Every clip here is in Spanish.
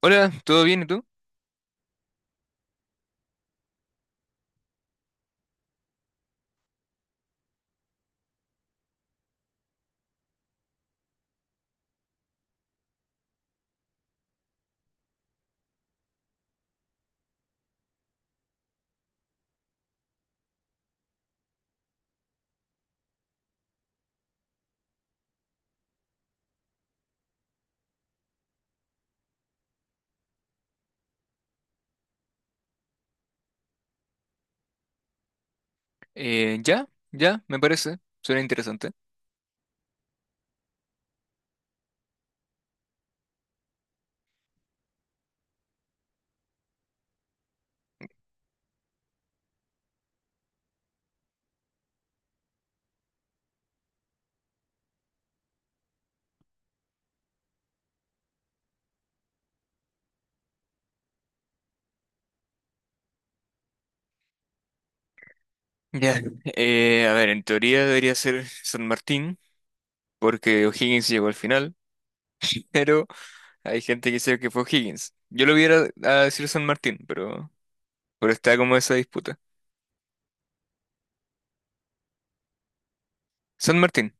Hola, ¿todo bien y tú? Ya, ya, me parece. Suena interesante. Ya. A ver, en teoría debería ser San Martín, porque O'Higgins llegó al final, pero hay gente que dice que fue O'Higgins. Yo lo hubiera a decir San Martín, pero está como esa disputa. San Martín,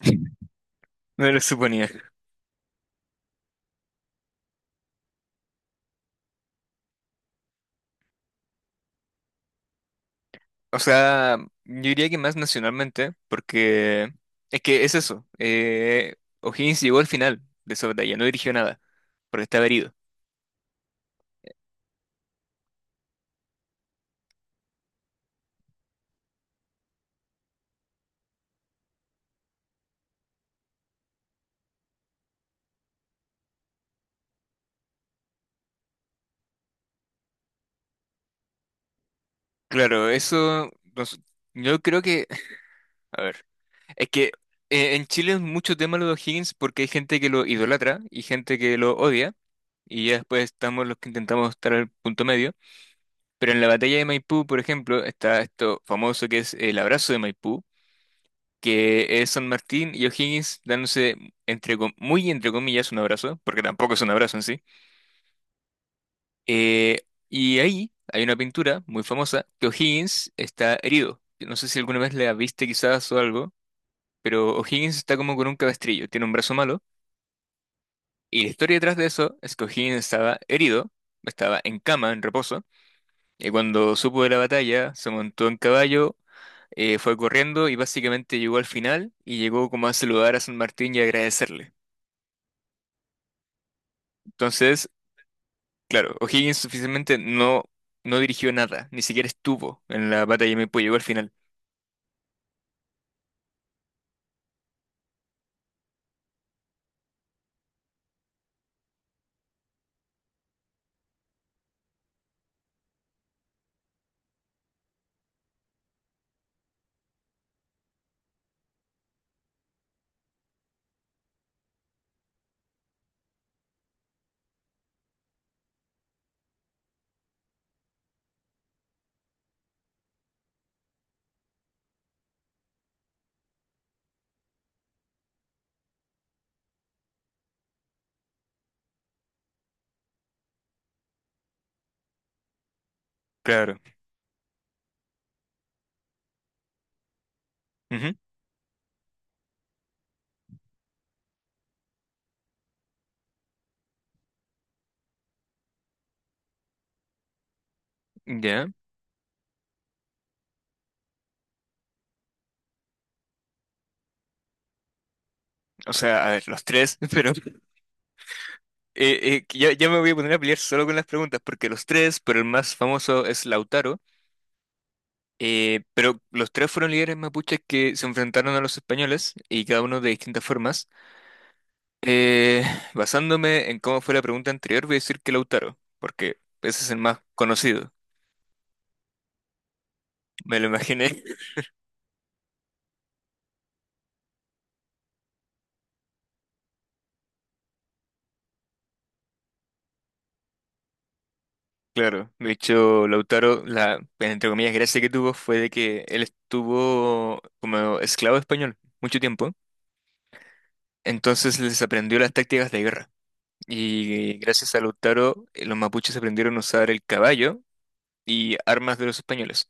me lo suponía. O sea, yo diría que más nacionalmente, porque es que es eso. O'Higgins llegó al final de esa batalla, no dirigió nada, porque estaba herido. Claro, eso, nos- yo creo que, a ver, es que en Chile es mucho tema lo de O'Higgins porque hay gente que lo idolatra y gente que lo odia, y ya después estamos los que intentamos estar al punto medio, pero en la batalla de Maipú, por ejemplo, está esto famoso que es el abrazo de Maipú, que es San Martín y O'Higgins dándose muy entre comillas un abrazo, porque tampoco es un abrazo en sí. Y ahí hay una pintura muy famosa que O'Higgins está herido. No sé si alguna vez la viste quizás o algo, pero O'Higgins está como con un cabestrillo, tiene un brazo malo. Y la historia detrás de eso es que O'Higgins estaba herido, estaba en cama, en reposo, y cuando supo de la batalla, se montó en caballo, fue corriendo y básicamente llegó al final y llegó como a saludar a San Martín y agradecerle. Entonces, claro, O'Higgins oficialmente no dirigió nada, ni siquiera estuvo en la batalla de Maipú, llegó al final. Claro. Ujú. Ya, o sea, a ver, los tres, pero ya, ya me voy a poner a pelear solo con las preguntas, porque los tres, pero el más famoso es Lautaro, pero los tres fueron líderes mapuches que se enfrentaron a los españoles y cada uno de distintas formas. Eh, Basándome en cómo fue la pregunta anterior, voy a decir que Lautaro, porque ese es el más conocido. Me lo imaginé. Claro, de hecho, Lautaro, la, entre comillas, gracia que tuvo fue de que él estuvo como esclavo español mucho tiempo. Entonces les aprendió las tácticas de guerra. Y gracias a Lautaro, los mapuches aprendieron a usar el caballo y armas de los españoles.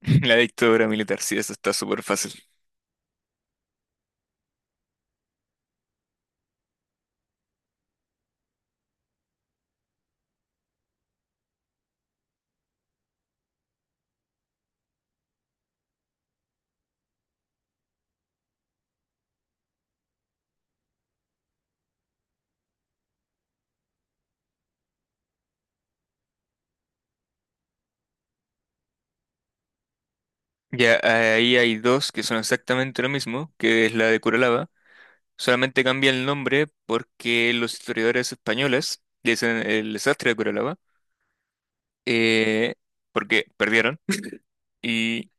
La dictadura militar, sí, eso está súper fácil. Ya, ahí hay dos que son exactamente lo mismo, que es la de Curalaba. Solamente cambia el nombre porque los historiadores españoles dicen el desastre de Curalaba, eh, porque perdieron. Y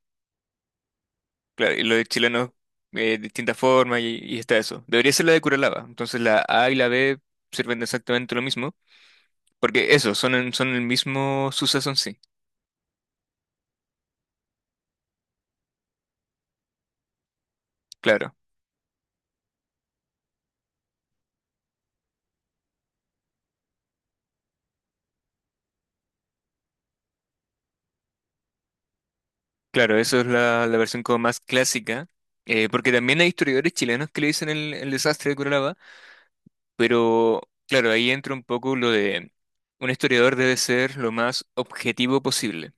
claro, y lo de chileno distintas formas y está eso. Debería ser la de Curalaba. Entonces la A y la B sirven de exactamente lo mismo, porque eso, son, son el mismo suceso en sí. Claro, claro, eso es la versión como más clásica, porque también hay historiadores chilenos que le dicen el desastre de Curalaba, pero claro, ahí entra un poco lo de un historiador debe ser lo más objetivo posible.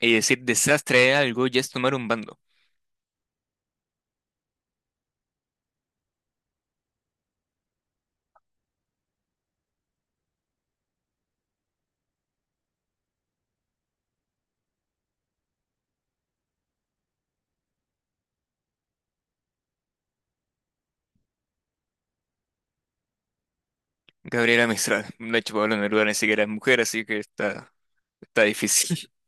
Y decir desastre es algo ya es tomar un bando. Gabriela Mistral. De hecho, Pablo Neruda ni siquiera es mujer, así que está... Está difícil.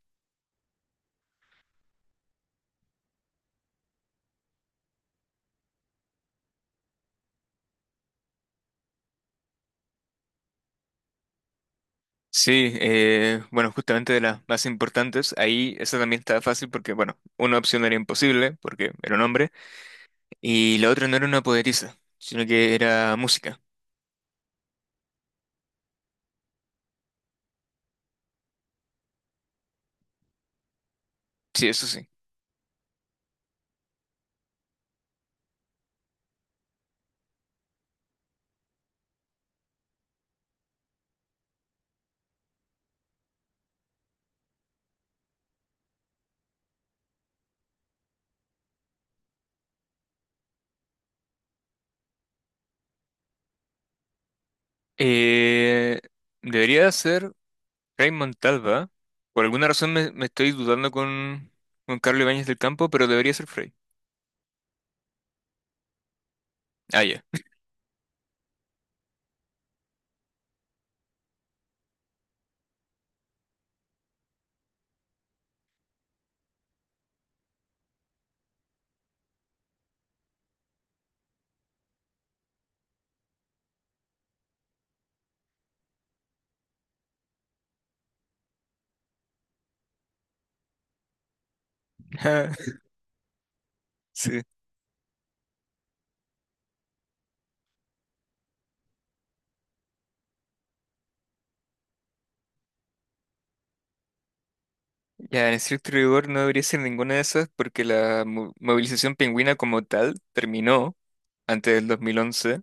Sí, bueno, justamente de las más importantes, ahí esa también estaba fácil porque, bueno, una opción era imposible porque era un hombre y la otra no era una poderiza, sino que era música. Sí, eso sí. Eh, Debería ser Raymond Montalva. Por alguna razón me estoy dudando con, Carlos Ibáñez del Campo, pero debería ser Frey. Ah, ya. Sí. Ya, en estricto rigor no debería ser ninguna de esas porque la movilización pingüina como tal terminó antes del 2011,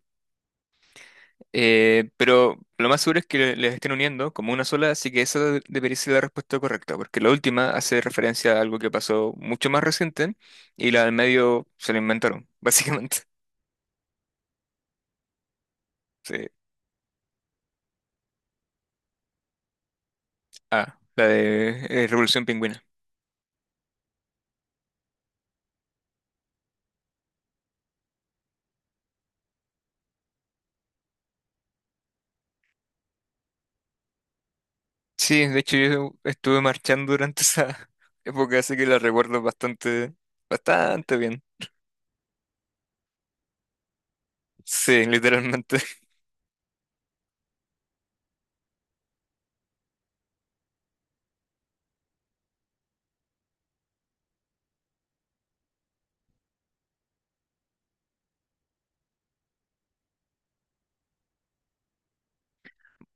pero lo más seguro es que les estén uniendo como una sola, así que esa debería ser la respuesta correcta, porque la última hace referencia a algo que pasó mucho más reciente y la del medio se la inventaron, básicamente. Sí. Ah, la de Revolución Pingüina. Sí, de hecho yo estuve marchando durante esa época, así que la recuerdo bastante, bastante bien. Sí, literalmente.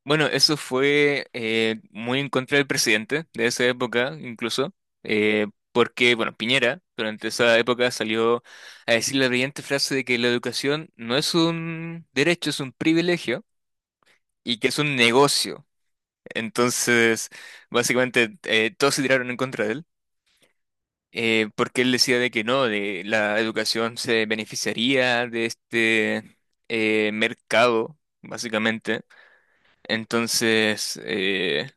Bueno, eso fue muy en contra del presidente de esa época, incluso, eh, porque, bueno, Piñera durante esa época salió a decir la brillante frase de que la educación no es un derecho, es un privilegio y que es un negocio. Entonces, básicamente, todos se tiraron en contra de él, porque él decía de que no, de la educación se beneficiaría de este mercado, básicamente. Entonces,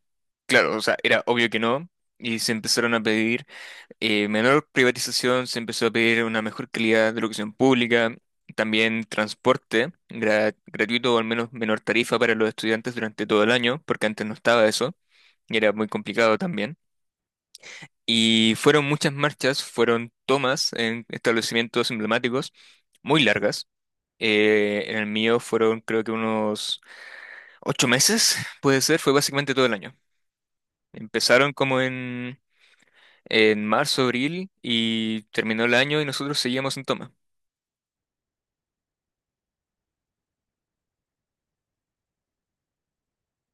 claro, o sea, era obvio que no, y se empezaron a pedir menor privatización, se empezó a pedir una mejor calidad de educación pública, también transporte gratuito o al menos menor tarifa para los estudiantes durante todo el año, porque antes no estaba eso, y era muy complicado también. Y fueron muchas marchas, fueron tomas en establecimientos emblemáticos muy largas. En el mío fueron creo que unos 8 meses, puede ser, fue básicamente todo el año. Empezaron como en marzo, abril y terminó el año y nosotros seguíamos en toma.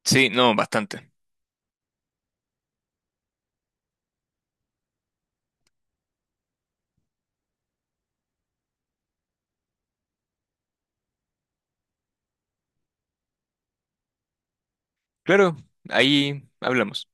Sí, no, bastante. Claro, ahí hablamos.